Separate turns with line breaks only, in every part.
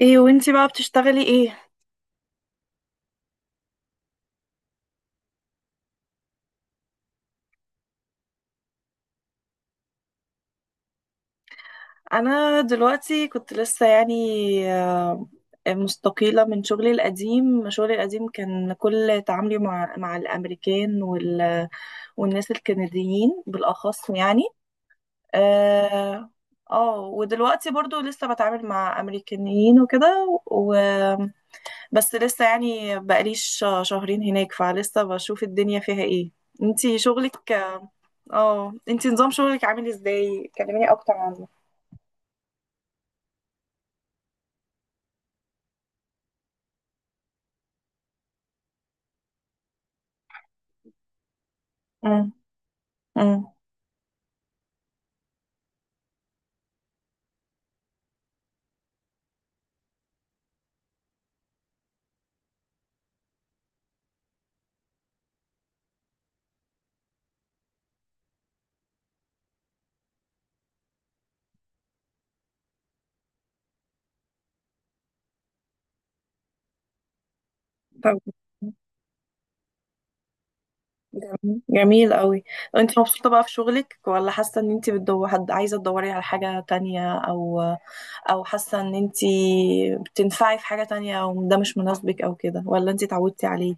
ايه وانتي بقى بتشتغلي ايه؟ انا دلوقتي كنت لسه يعني آه، مستقيلة من شغلي القديم. شغلي القديم كان كل تعاملي مع الامريكان والناس الكنديين بالاخص يعني. اه ودلوقتي برضو لسه بتعامل مع امريكانيين وكده. بس لسه يعني بقاليش شهرين هناك، فلسه بشوف الدنيا فيها ايه. انتي شغلك، اه انتي نظام شغلك عامل ازاي؟ كلميني اكتر عنه. مم. مم. طب جميل جميل قوي. انت مبسوطة بقى في شغلك، ولا حاسة ان انت بتدور حد، عايزة تدوري على حاجة تانية، او حاسة ان انت بتنفعي في حاجة تانية، او ده مش مناسبك او كده، ولا انت اتعودتي عليه؟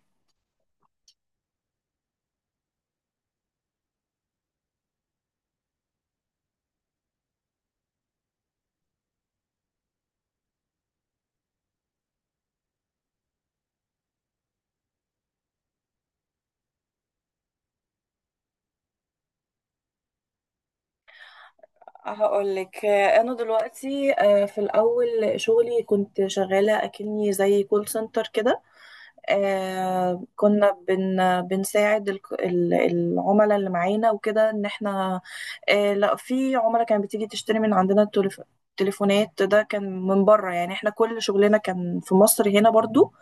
هقولك، انا دلوقتي في الاول شغلي كنت شغالة اكني زي كول سنتر كده. آه كنا بن بنساعد العملاء اللي معانا وكده، ان احنا لا في عملاء كانت بتيجي تشتري من عندنا التليفونات. ده كان من بره يعني، احنا كل شغلنا كان في مصر هنا برضو.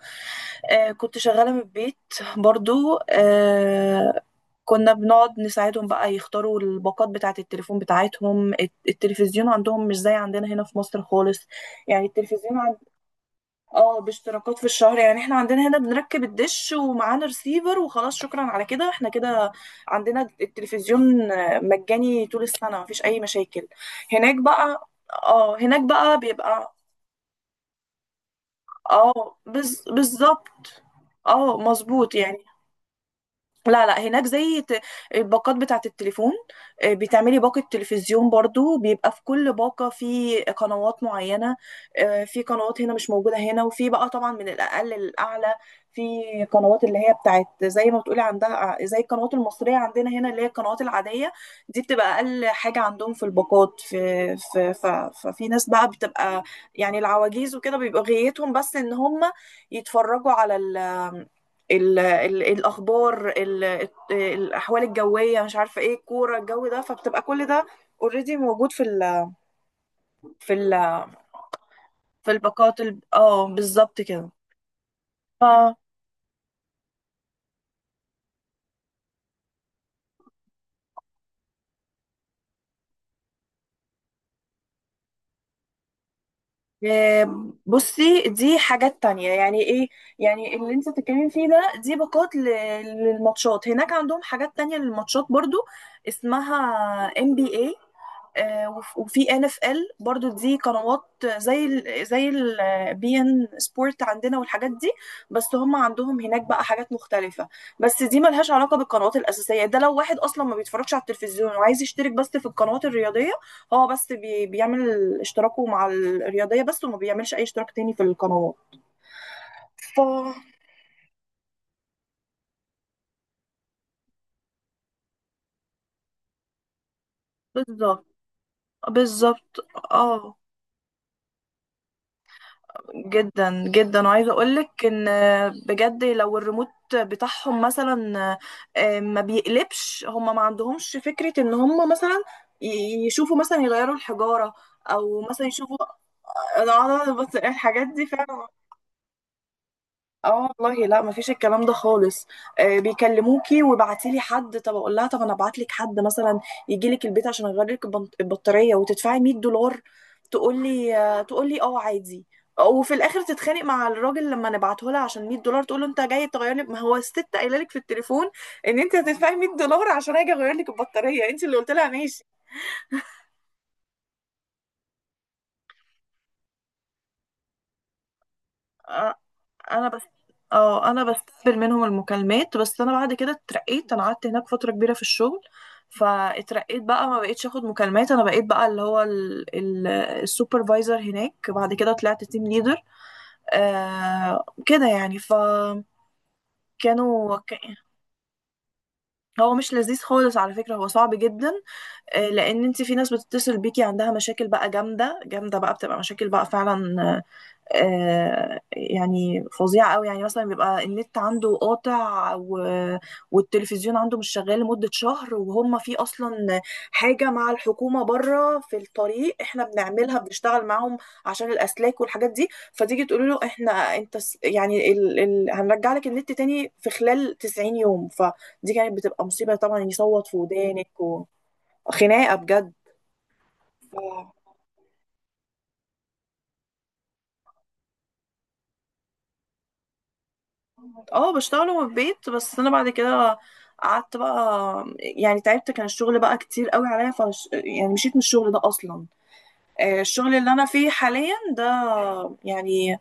كنت شغالة من البيت برضو. كنا بنقعد نساعدهم بقى يختاروا الباقات بتاعة التلفون بتاعتهم. التلفزيون عندهم مش زي عندنا هنا في مصر خالص، يعني التلفزيون اه باشتراكات في الشهر. يعني احنا عندنا هنا بنركب الدش ومعانا ريسيفر وخلاص، شكرا على كده احنا كده عندنا التلفزيون مجاني طول السنة مفيش أي مشاكل. هناك بقى، اه هناك بقى بيبقى، اه بالظبط، اه مظبوط يعني. لا لا، هناك زي الباقات بتاعة التليفون، بتعملي باقة تلفزيون برضو، بيبقى في كل باقة في قنوات معينة. في قنوات هنا مش موجودة هنا، وفي بقى طبعا من الأقل للأعلى. في قنوات اللي هي بتاعت زي ما بتقولي عندها، زي القنوات المصرية عندنا هنا اللي هي القنوات العادية. دي بتبقى أقل حاجة عندهم في الباقات. في في ف- ففي ناس بقى بتبقى يعني العواجيز وكده، بيبقى غايتهم بس إن هم يتفرجوا على ال الاخبار، الاحوال الجويه، مش عارفه ايه، الكوره، الجو، ده فبتبقى كل ده اوريدي موجود في ال في ال في الباقات. اه بالظبط كده. ف بصي دي حاجات تانية يعني. ايه يعني اللي انت بتتكلمي فيه ده، دي باقات للماتشات. هناك عندهم حاجات تانية للماتشات برضو، اسمها ام بي اي، وفي ان اف ال برضو. دي قنوات زي ال زي البي ان سبورت عندنا والحاجات دي، بس هم عندهم هناك بقى حاجات مختلفة. بس دي ملهاش علاقة بالقنوات الأساسية. ده لو واحد أصلا ما بيتفرجش على التلفزيون وعايز يشترك بس في القنوات الرياضية، اه بس بيعمل اشتراكه مع الرياضية بس، وما بيعملش أي اشتراك تاني في القنوات. ف بالظبط بالظبط. اه جدا جدا. وعايزة أقولك إن بجد لو الريموت بتاعهم مثلا ما بيقلبش، هم ما عندهمش فكرة إن هم مثلا يشوفوا، مثلا يغيروا الحجارة، أو مثلا يشوفوا. أنا بس الحاجات دي فعلا اه والله لا، مفيش الكلام ده خالص. بيكلموكي وبعتي لي حد، طب اقول لها طب انا ابعت لك حد مثلا يجي لك البيت عشان اغير لك البطاريه وتدفعي 100 دولار. تقول لي آه، تقول لي اه عادي. وفي الاخر تتخانق مع الراجل لما نبعته لها عشان 100 دولار. تقول له انت جاي تغير لي، ما هو الست قايله لك في التليفون ان انت هتدفعي 100 دولار عشان اجي اغير لك البطاريه، انت اللي قلت لها ماشي. آه. انا بس، اه انا بستقبل منهم المكالمات بس. انا بعد كده اترقيت، انا قعدت هناك فتره كبيره في الشغل، فاترقيت بقى، ما بقيتش اخد مكالمات. انا بقيت بقى اللي هو السوبرفايزر هناك، بعد كده طلعت تيم ليدر، كده يعني. فكانوا ك- هو مش لذيذ خالص على فكرة، هو صعب جدا. لان انت في ناس بتتصل بيكي عندها مشاكل بقى جامدة جامدة، بقى بتبقى مشاكل بقى فعلا يعني فظيعة قوي. يعني مثلا بيبقى النت عنده قاطع والتلفزيون عنده مش شغال لمدة شهر، وهم في أصلا حاجة مع الحكومة بره في الطريق، احنا بنعملها بنشتغل معاهم عشان الأسلاك والحاجات دي. فتيجي تقول له احنا انت يعني هنرجع لك النت تاني في خلال 90 يوم، فدي كانت بتبقى مصيبة طبعا، يصوت في ودانك وخناقة بجد. اه بشتغل من البيت. بس انا بعد كده قعدت بقى يعني تعبت، كان الشغل بقى كتير قوي عليا، فش يعني مشيت من الشغل ده اصلا. الشغل اللي انا فيه حاليا ده يعني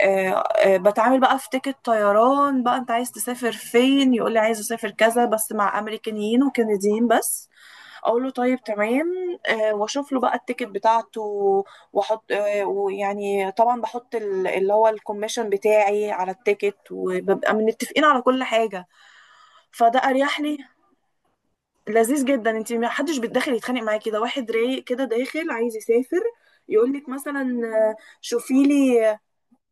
آه، بتعامل بقى في تيكت طيران بقى. انت عايز تسافر فين، يقول لي عايز اسافر كذا، بس مع امريكانيين وكنديين بس. اقول له طيب تمام، واشوف له بقى التيكت بتاعته. واحط ويعني طبعا بحط اللي هو الكوميشن بتاعي على التيكت، وببقى متفقين على كل حاجه. فده اريح لي. لذيذ جدا، انت ما حدش بيتدخل يتخانق معايا كده، واحد رايق كده داخل عايز يسافر، يقول لك مثلا شوفي لي،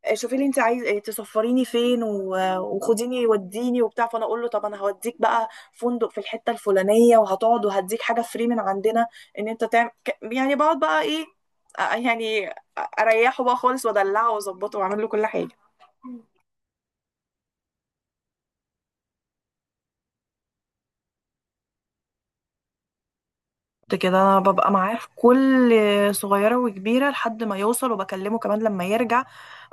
شوفي لي انت عايز تسفريني فين، وخديني وديني وبتاع، فانا اقول له طب انا هوديك بقى فندق في الحته الفلانيه، وهتقعد، وهديك حاجه فري من عندنا ان انت تعمل يعني. بقعد بقى ايه يعني اريحه بقى خالص، وادلعه، واظبطه، واعمل له كل حاجه. كنت كده، انا ببقى معاه في كل صغيره وكبيره لحد ما يوصل، وبكلمه كمان لما يرجع.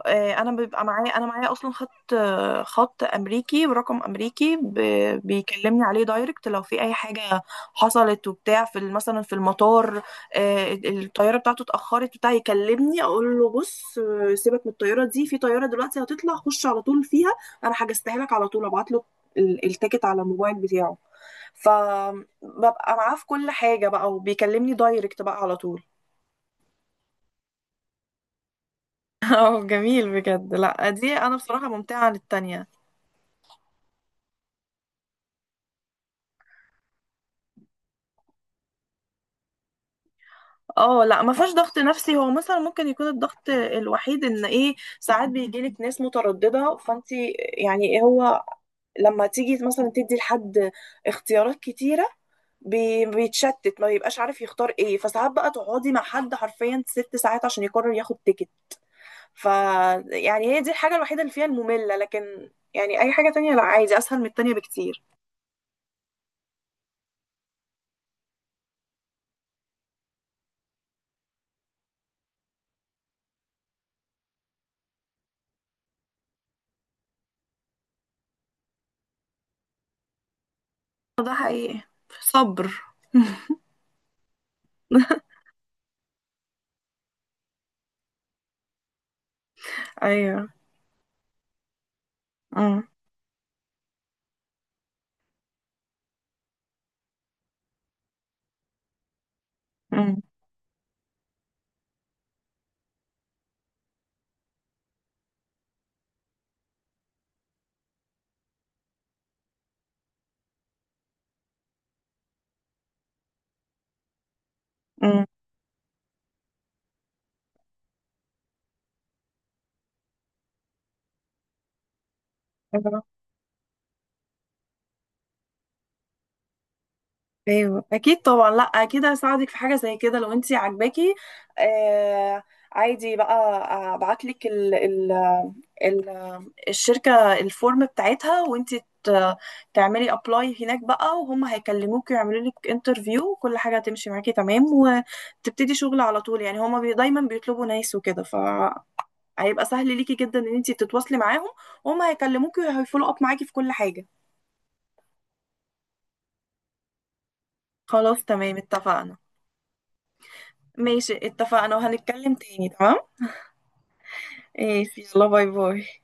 انا بيبقى معايا، انا معايا اصلا خط خط امريكي ورقم امريكي بيكلمني عليه دايركت لو في اي حاجه حصلت وبتاع في مثلا في المطار الطياره بتاعته اتاخرت بتاع يكلمني اقول له بص سيبك من الطياره دي، في طياره دلوقتي هتطلع خش على طول فيها، انا حجزتها لك. على طول ابعت له التيكت على الموبايل بتاعه. فببقى معاه في كل حاجه بقى، وبيكلمني دايركت بقى على طول. اه جميل بجد. لا دي انا بصراحه ممتعه عن التانية. اه لا ما فيهاش ضغط نفسي. هو مثلا ممكن يكون الضغط الوحيد ان ايه، ساعات بيجيلك ناس متردده، فانت يعني إيه هو، لما تيجي مثلا تدي لحد اختيارات كتيره، بيتشتت ما بيبقاش عارف يختار ايه، فساعات بقى تقعدي مع حد حرفيا ست ساعات عشان يقرر ياخد تيكت. ف يعني هي دي الحاجه الوحيده اللي فيها الممله، لكن يعني اي حاجه تانية لا، عادي اسهل من التانية بكتير. ده حقيقي، صبر. ايوه. امم امم ايوه اكيد طبعا، لا اكيد هساعدك في حاجه زي كده لو انت عاجباكي. آه عادي بقى، ابعت لك ال ال ال الشركه الفورم بتاعتها، وانت ت- تعملي ابلاي هناك بقى، وهم هيكلموك ويعملوا لك انترفيو، وكل حاجه هتمشي معاكي تمام، وتبتدي شغل على طول. يعني هما دايما بيطلبوا ناس وكده، فهيبقى سهل ليكي جدا ان انت تتواصلي معاهم، وهم هيكلموكي وهيفولو اب معاكي في كل حاجه. خلاص تمام اتفقنا. ماشي اتفقنا، وهنتكلم تاني تمام. ايش، يلا باي باي.